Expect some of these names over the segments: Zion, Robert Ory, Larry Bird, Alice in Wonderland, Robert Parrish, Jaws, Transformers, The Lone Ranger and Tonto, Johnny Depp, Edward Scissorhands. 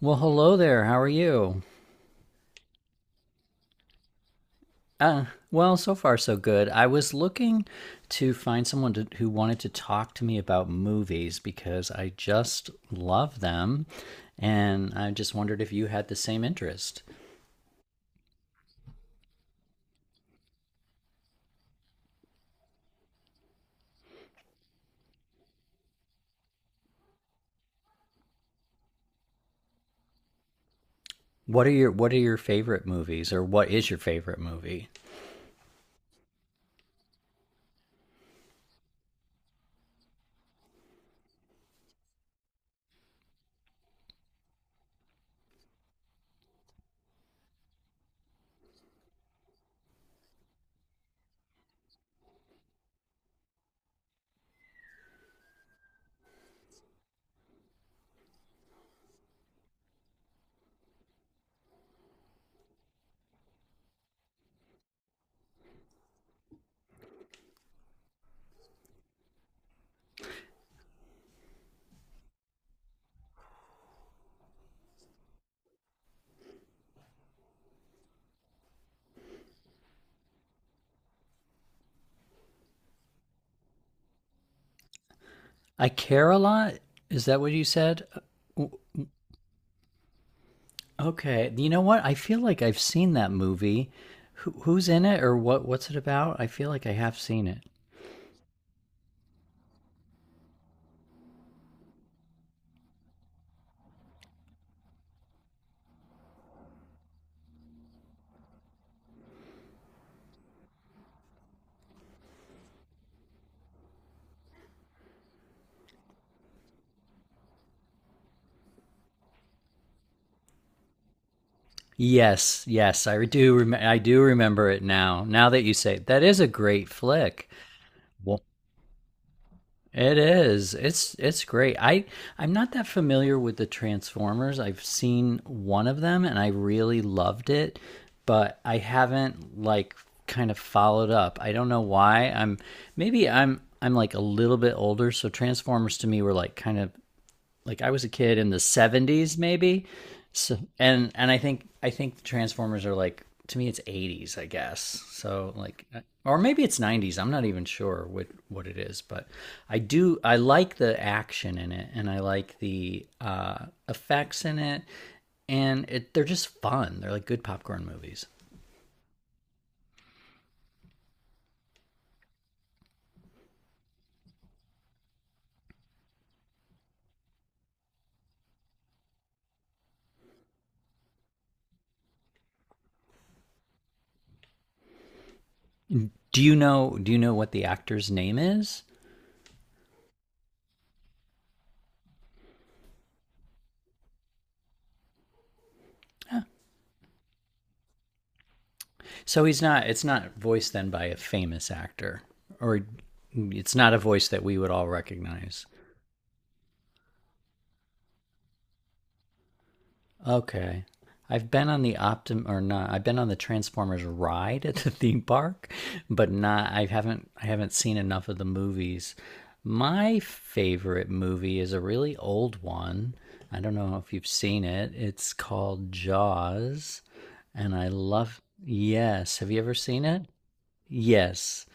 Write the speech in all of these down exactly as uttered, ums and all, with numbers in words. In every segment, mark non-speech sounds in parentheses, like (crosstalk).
Well, hello there. How are you? Uh, well, so far so good. I was looking to find someone to, who wanted to talk to me about movies because I just love them, and I just wondered if you had the same interest. What are your What are your favorite movies, or what is your favorite movie? I care a lot. Is that what you said? Uh, Okay. You know what? I feel like I've seen that movie. Who, who's in it, or what? What's it about? I feel like I have seen it. Yes, yes, I do. Rem- I do remember it now. Now that you say it, that is a great flick. Well, it is. It's it's great. I I'm not that familiar with the Transformers. I've seen one of them and I really loved it, but I haven't like kind of followed up. I don't know why. I'm maybe I'm I'm like a little bit older, so Transformers to me were like kind of like I was a kid in the seventies maybe. So and and I think I think the Transformers are like to me it's eighties, I guess. So like uh, or maybe it's nineties. I'm not even sure what what it is, but I do I like the action in it and I like the uh effects in it and it they're just fun. They're like good popcorn movies. Do you know do you know what the actor's name is? So he's not. It's not voiced then by a famous actor, or it's not a voice that we would all recognize. Okay, I've been on the Optim or not. I've been on the Transformers ride at the theme park, but not. I haven't. I haven't seen enough of the movies. My favorite movie is a really old one. I don't know if you've seen it. It's called Jaws, and I love. Yes, have you ever seen it? Yes.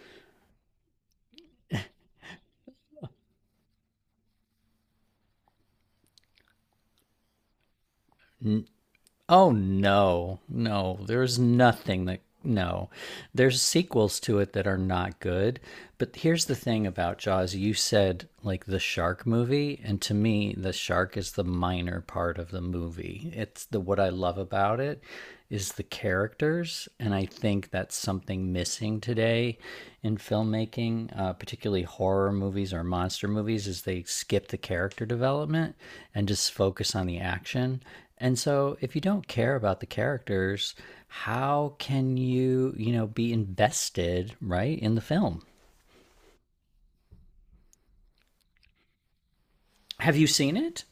Oh no, no, there's nothing that no. There's sequels to it that are not good. But here's the thing about Jaws. You said like the shark movie, and to me the shark is the minor part of the movie. It's the what I love about it is the characters. And I think that's something missing today in filmmaking, uh, particularly horror movies or monster movies, is they skip the character development and just focus on the action. And so if you don't care about the characters, how can you, you know, be invested, right, in the film? Have you seen it?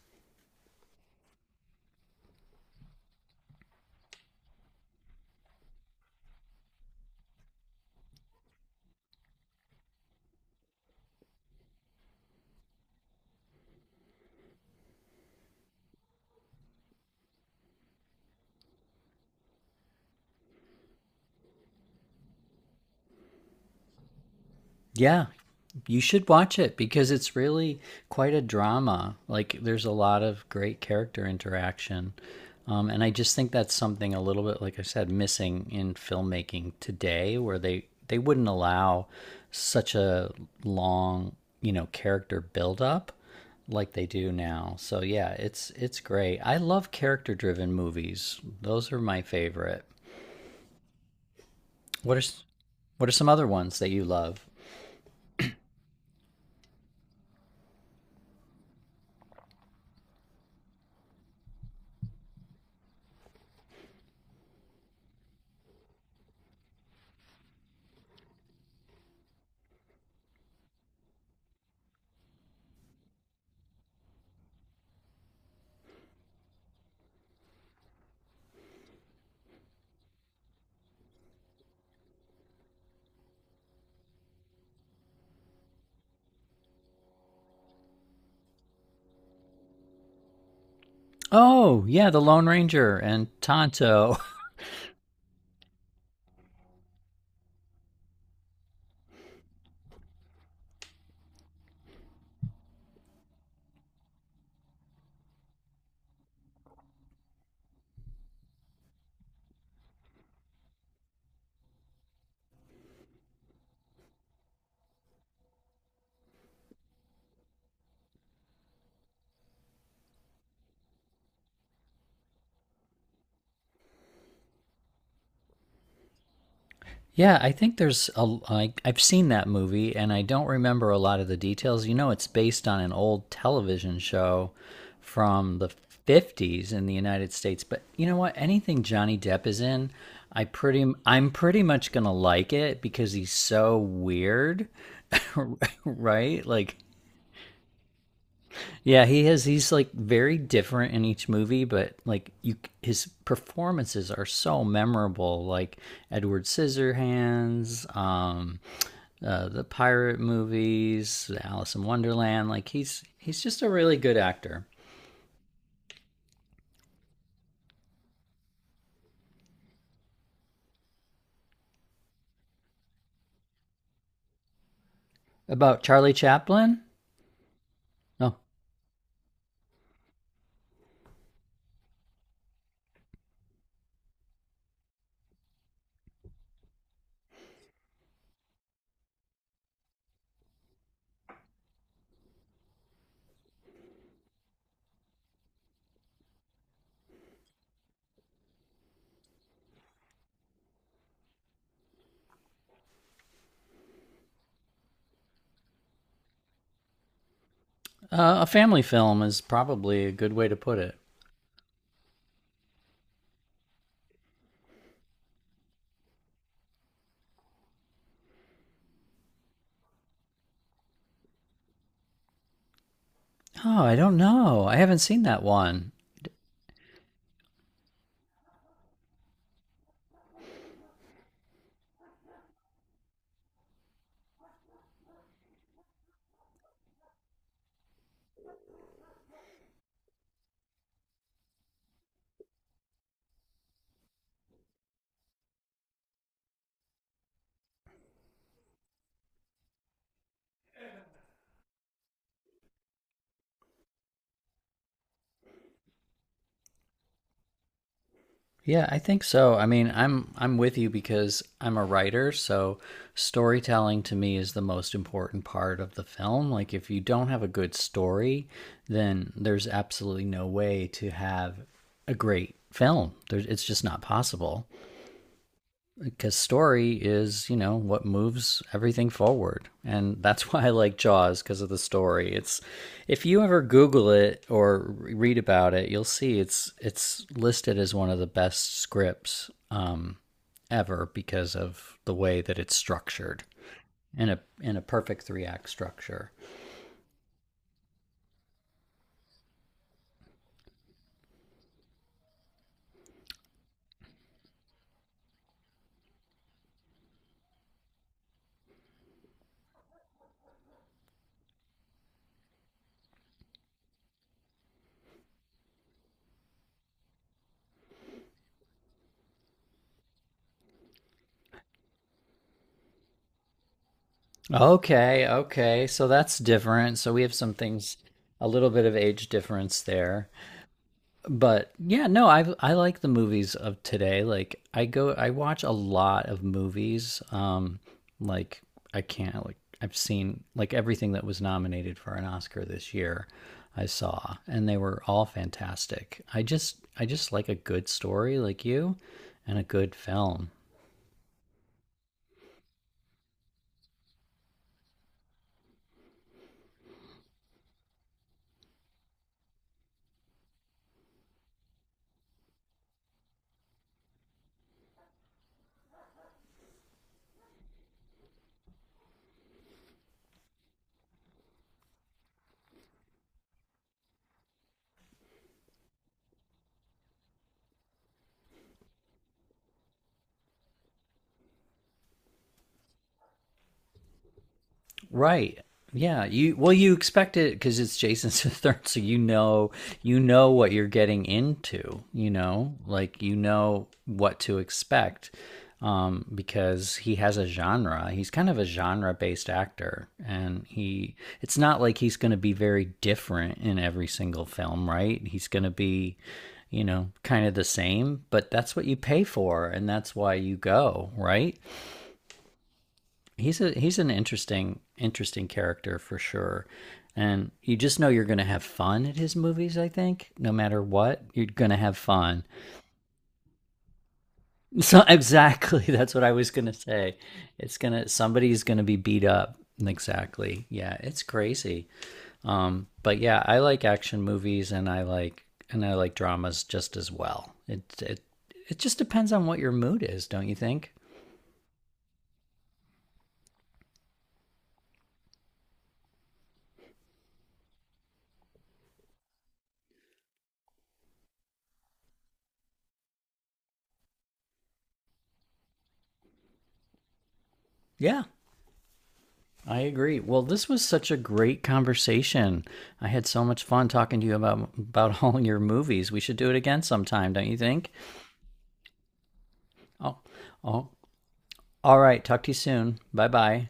Yeah, you should watch it because it's really quite a drama. Like, there's a lot of great character interaction. Um, and I just think that's something a little bit, like I said, missing in filmmaking today, where they, they wouldn't allow such a long, you know, character buildup like they do now. So yeah, it's it's great. I love character-driven movies. Those are my favorite. What are s- what are some other ones that you love? Oh, yeah, The Lone Ranger and Tonto. (laughs) Yeah, I think there's a I, I've seen that movie and I don't remember a lot of the details. You know, it's based on an old television show from the fifties in the United States, but you know what? Anything Johnny Depp is in, I pretty I'm pretty much going to like it because he's so weird. (laughs) right? Like, yeah, he has. He's like very different in each movie, but like you, his performances are so memorable. Like Edward Scissorhands, um, uh, the pirate movies, Alice in Wonderland. Like he's he's just a really good actor. About Charlie Chaplin? No, uh, a family film is probably a good way to put it. Oh, I don't know. I haven't seen that one. Yeah, I think so. I mean, I'm I'm with you because I'm a writer, so storytelling to me is the most important part of the film. Like if you don't have a good story, then there's absolutely no way to have a great film. There's, it's just not possible because story is, you know, what moves everything forward, and that's why I like Jaws because of the story. It's if you ever Google it or read about it, you'll see it's it's listed as one of the best scripts, um, ever, because of the way that it's structured in a in a perfect three act structure. Okay, okay, so that's different, so we have some things, a little bit of age difference there, but yeah, no, I I like the movies of today. Like I go, I watch a lot of movies. Um, like I can't like I've seen like everything that was nominated for an Oscar this year. I saw, and they were all fantastic. I just I just like a good story, like you, and a good film. Right. Yeah. You well, you expect it because it's Jason (laughs) Statham, so you know you know what you're getting into. You know, like you know what to expect, um, because he has a genre. He's kind of a genre-based actor, and he it's not like he's going to be very different in every single film, right? He's going to be, you know, kind of the same, but that's what you pay for, and that's why you go, right? He's a he's an interesting interesting character for sure, and you just know you're going to have fun at his movies, I think. No matter what, you're going to have fun. (laughs) so exactly, that's what I was going to say. It's going to, somebody's going to be beat up. Exactly, yeah, it's crazy. um but yeah, I like action movies, and i like and I like dramas just as well. It it it just depends on what your mood is, don't you think? Yeah, I agree. Well, this was such a great conversation. I had so much fun talking to you about about (laughs) all your movies. We should do it again sometime, don't you think? Oh, oh. All right. Talk to you soon. Bye bye.